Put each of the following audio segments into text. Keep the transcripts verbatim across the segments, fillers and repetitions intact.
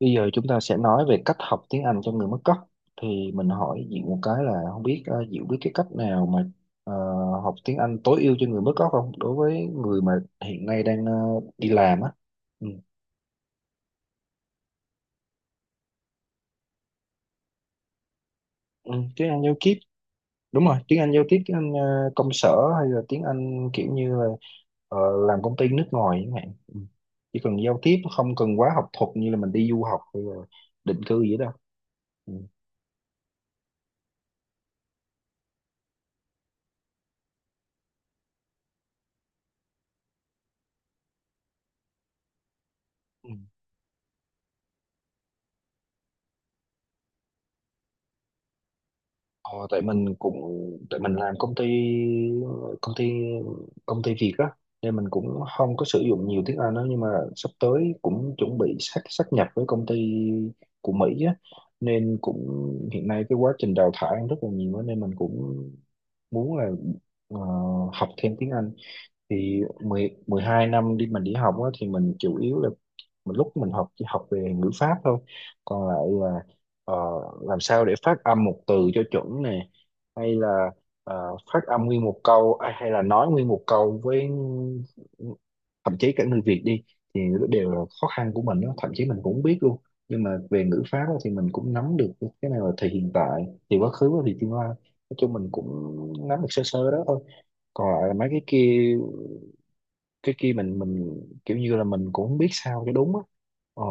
Bây giờ chúng ta sẽ nói về cách học tiếng Anh cho người mất gốc. Thì mình hỏi Diệu một cái là không biết ờ, Diệu biết cái cách nào mà ờ, học tiếng Anh tối ưu cho người mất gốc không? Đối với người mà hiện nay đang ờ, đi làm á. Ừ. Ừ, tiếng Anh giao tiếp, đúng rồi, tiếng Anh giao tiếp, tiếng Anh ờ, công sở hay là tiếng Anh kiểu như là ờ, làm công ty nước ngoài chẳng hạn. Ừ. Chỉ cần giao tiếp không cần quá học thuật như là mình đi du học hay là định cư gì đó. Ừ. Ờ, tại mình cũng tại mình làm công ty công ty công ty Việt á, nên mình cũng không có sử dụng nhiều tiếng Anh đó, nhưng mà sắp tới cũng chuẩn bị sát sát nhập với công ty của Mỹ á, nên cũng hiện nay cái quá trình đào thải rất là nhiều á, nên mình cũng muốn là ờ, học thêm tiếng Anh. Thì mười mười hai năm đi mình đi học á, thì mình chủ yếu là mình lúc mình học chỉ học về ngữ pháp thôi, còn lại là ờ, làm sao để phát âm một từ cho chuẩn nè, hay là ờ, phát âm nguyên một câu à, hay là nói nguyên một câu với thậm chí cả người Việt đi, thì nó đều là khó khăn của mình đó. Thậm chí mình cũng không biết luôn, nhưng mà về ngữ pháp á, thì mình cũng nắm được cái này là thì hiện tại, thì quá khứ và thì tương lai. Nói chung mình cũng nắm được sơ sơ đó thôi, còn lại là mấy cái kia. Cái kia mình mình kiểu như là mình cũng không biết sao cho đúng á. ờ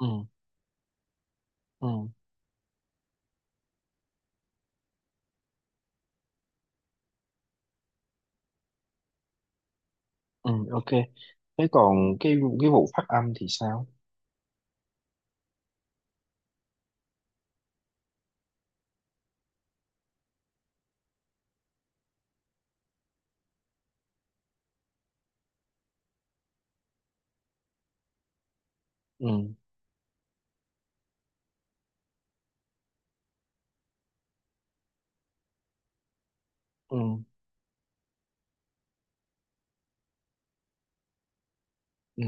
ừ ừ ừ ok. Thế còn cái cái vụ phát âm thì sao? ừ ừ ừ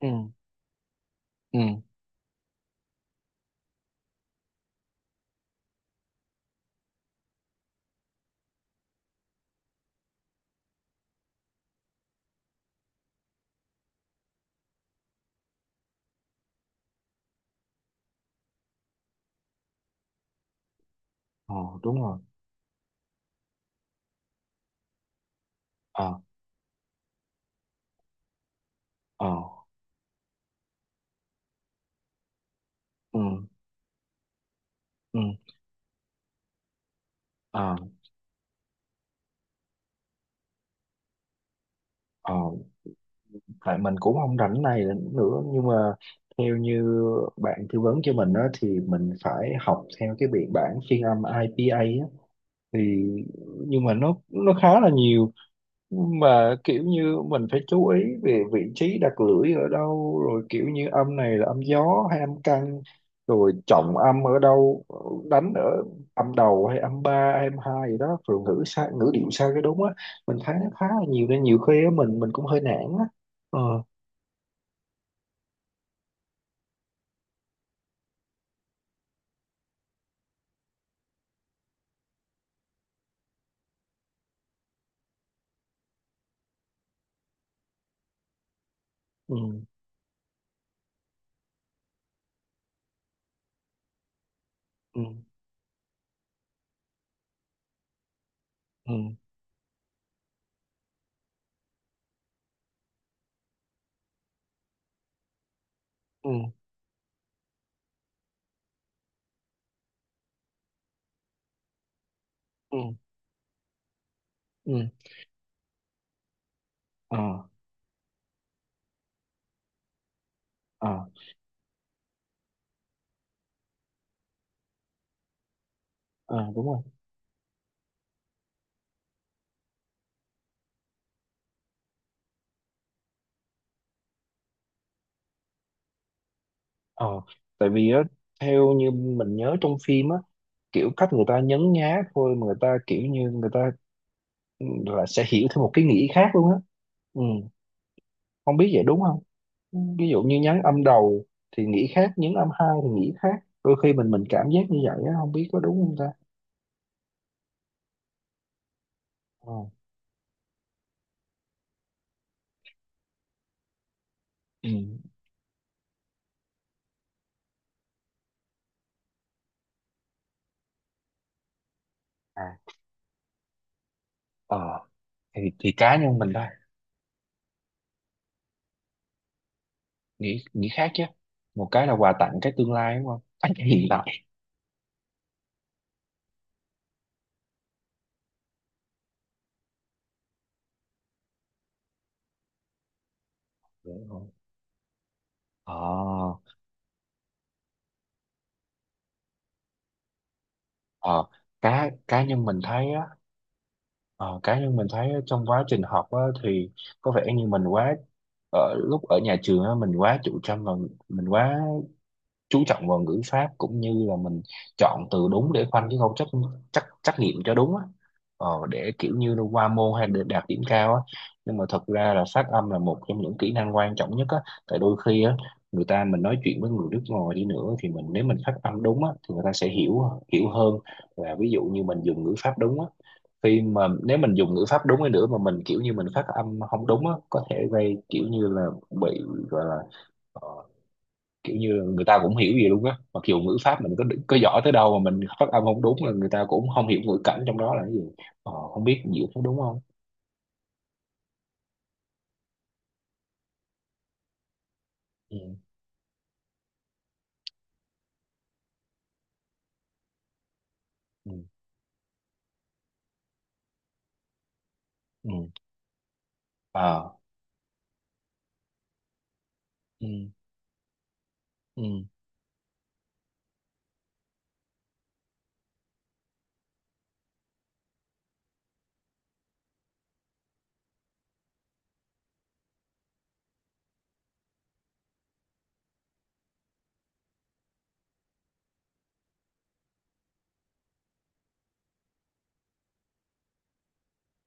ừ ừ ờ Đúng rồi. ờ ờ ừ ừ ờ ờ Tại mình cũng không rảnh này nữa, nhưng mà theo như bạn tư vấn cho mình đó thì mình phải học theo cái biên bản phiên âm ai pi ây á, thì nhưng mà nó nó khá là nhiều, mà kiểu như mình phải chú ý về vị trí đặt lưỡi ở đâu, rồi kiểu như âm này là âm gió hay âm căng, rồi trọng âm ở đâu, đánh ở âm đầu hay âm ba hay âm hai gì đó, rồi ngữ sai ngữ điệu sai cái đúng á. Mình thấy nó khá là nhiều nên nhiều khi á, mình mình cũng hơi nản á. ờ ừ ừ ừ ừ ừ ừ ờ ờ ờ, đúng rồi. ờ Tại vì á, theo như mình nhớ trong phim á, kiểu cách người ta nhấn nhá thôi mà người ta kiểu như người ta là sẽ hiểu theo một cái nghĩa khác luôn á. Ừ. Không biết vậy đúng không? Ừ. Ví dụ như nhấn âm đầu thì nghĩ khác, nhấn âm hai thì nghĩ khác. Đôi khi mình mình cảm giác như vậy á, không biết có đúng không ta. Ừ. Ừ. À. ờ thì thì cá nhân mình thôi nghĩ nghĩ khác chứ. Một cái là quà tặng, cái tương lai đúng không? À, cái hiện tại. Đúng rồi. ờ ờ cá Cá nhân mình thấy á. Ờ, cá nhân mình thấy trong quá trình học á, thì có vẻ như mình quá ở lúc ở nhà trường á, mình quá chủ trương và mình quá chú trọng vào ngữ pháp, cũng như là mình chọn từ đúng để khoanh chứ không trắc trắc trắc nghiệm cho đúng á, ờ, để kiểu như là qua môn hay để đạt điểm cao á. Nhưng mà thật ra là phát âm là một trong những kỹ năng quan trọng nhất á. Tại đôi khi á, người ta mình nói chuyện với người nước ngoài đi nữa thì mình, nếu mình phát âm đúng á thì người ta sẽ hiểu, hiểu hơn là ví dụ như mình dùng ngữ pháp đúng á. Khi mà nếu mình dùng ngữ pháp đúng đi nữa mà mình kiểu như mình phát âm không đúng á, có thể gây kiểu như là bị gọi là ờ, kiểu như là người ta cũng hiểu gì luôn á. Mặc dù ngữ pháp mình có có giỏi tới đâu mà mình phát âm không đúng là người ta cũng không hiểu ngữ cảnh trong đó là cái gì. Ờ, không biết diễn có đúng không? ừ ừ ừ à ừ ừ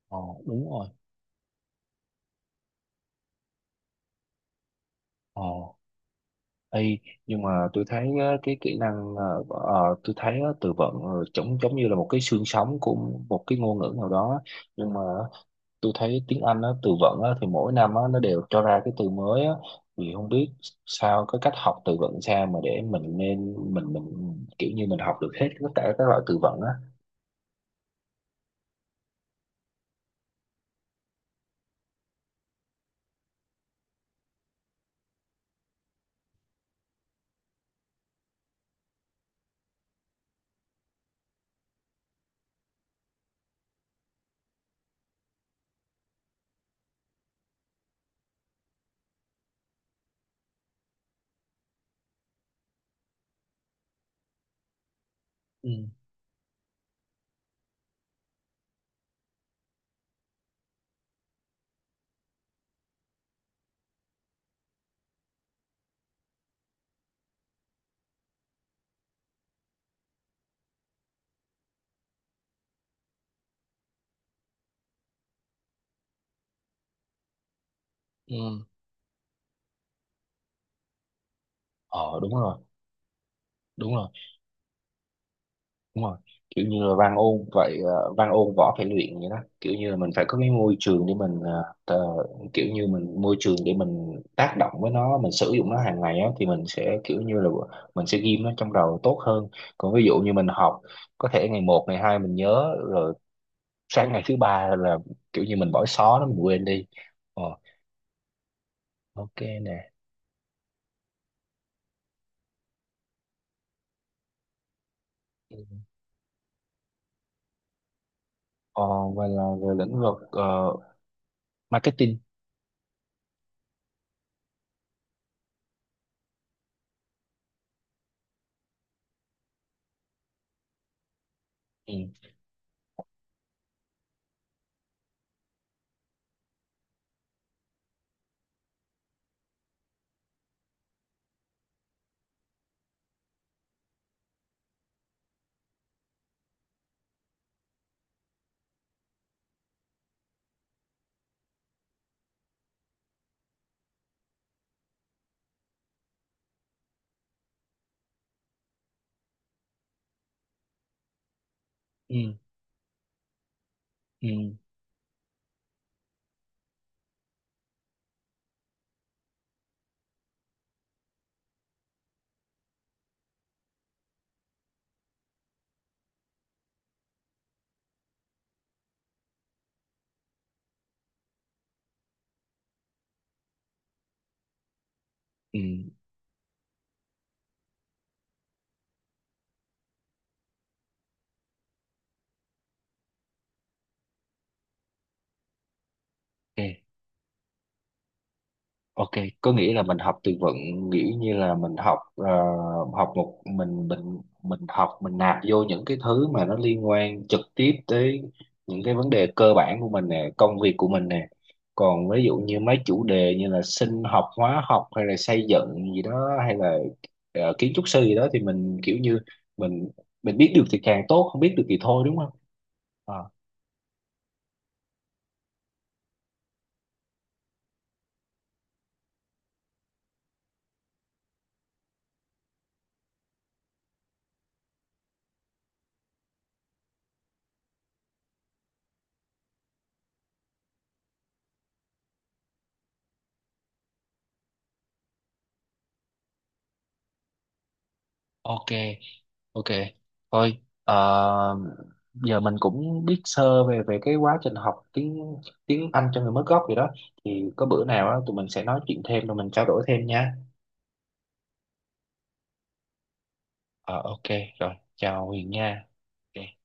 ờ, đúng rồi. ờ Ê, nhưng mà tôi thấy á, cái kỹ năng ờ, ờ, tôi thấy á, từ vựng ờ, giống giống như là một cái xương sống của một cái ngôn ngữ nào đó. Nhưng mà tôi thấy tiếng Anh á, từ vựng á, thì mỗi năm á, nó đều cho ra cái từ mới á. Thì không biết sao cái cách học từ vựng sao mà để mình nên mình mình kiểu như mình học được hết tất cả các loại từ vựng á. ừ ừ ờ Đúng rồi, đúng rồi, đúng rồi, kiểu như là văn ôn vậy. Ờ, văn ôn võ phải luyện vậy đó, kiểu như là mình phải có cái môi trường để mình ờ, tờ- kiểu như mình môi trường để mình tác động với nó, mình sử dụng nó hàng ngày á, thì mình sẽ kiểu như là mình sẽ ghim nó trong đầu tốt hơn. Còn ví dụ như mình học, có thể ngày một ngày hai mình nhớ rồi, sang ngày thứ ba là kiểu như mình bỏ xó nó mình quên đi. ờ, ok. Nè. Ờ, và là về lĩnh vực ờ, marketing. ừ, ừ, ừ, ừ. ừ, ok. Ok, có nghĩa là mình học từ vựng, nghĩa như là mình học ờ, học một mình mình mình học mình nạp vô những cái thứ mà nó liên quan trực tiếp tới những cái vấn đề cơ bản của mình nè, công việc của mình nè. Còn ví dụ như mấy chủ đề như là sinh học, hóa học hay là xây dựng gì đó hay là ờ, kiến trúc sư gì đó thì mình kiểu như mình mình biết được thì càng tốt, không biết được thì thôi đúng không? Ờ, ok. Ok, thôi ờ, giờ mình cũng biết sơ về về cái quá trình học tiếng tiếng Anh cho người mới gốc vậy đó. Thì có bữa nào á tụi mình sẽ nói chuyện thêm rồi mình trao đổi thêm nha. Ờ ok, rồi chào Huyền nha. Ok.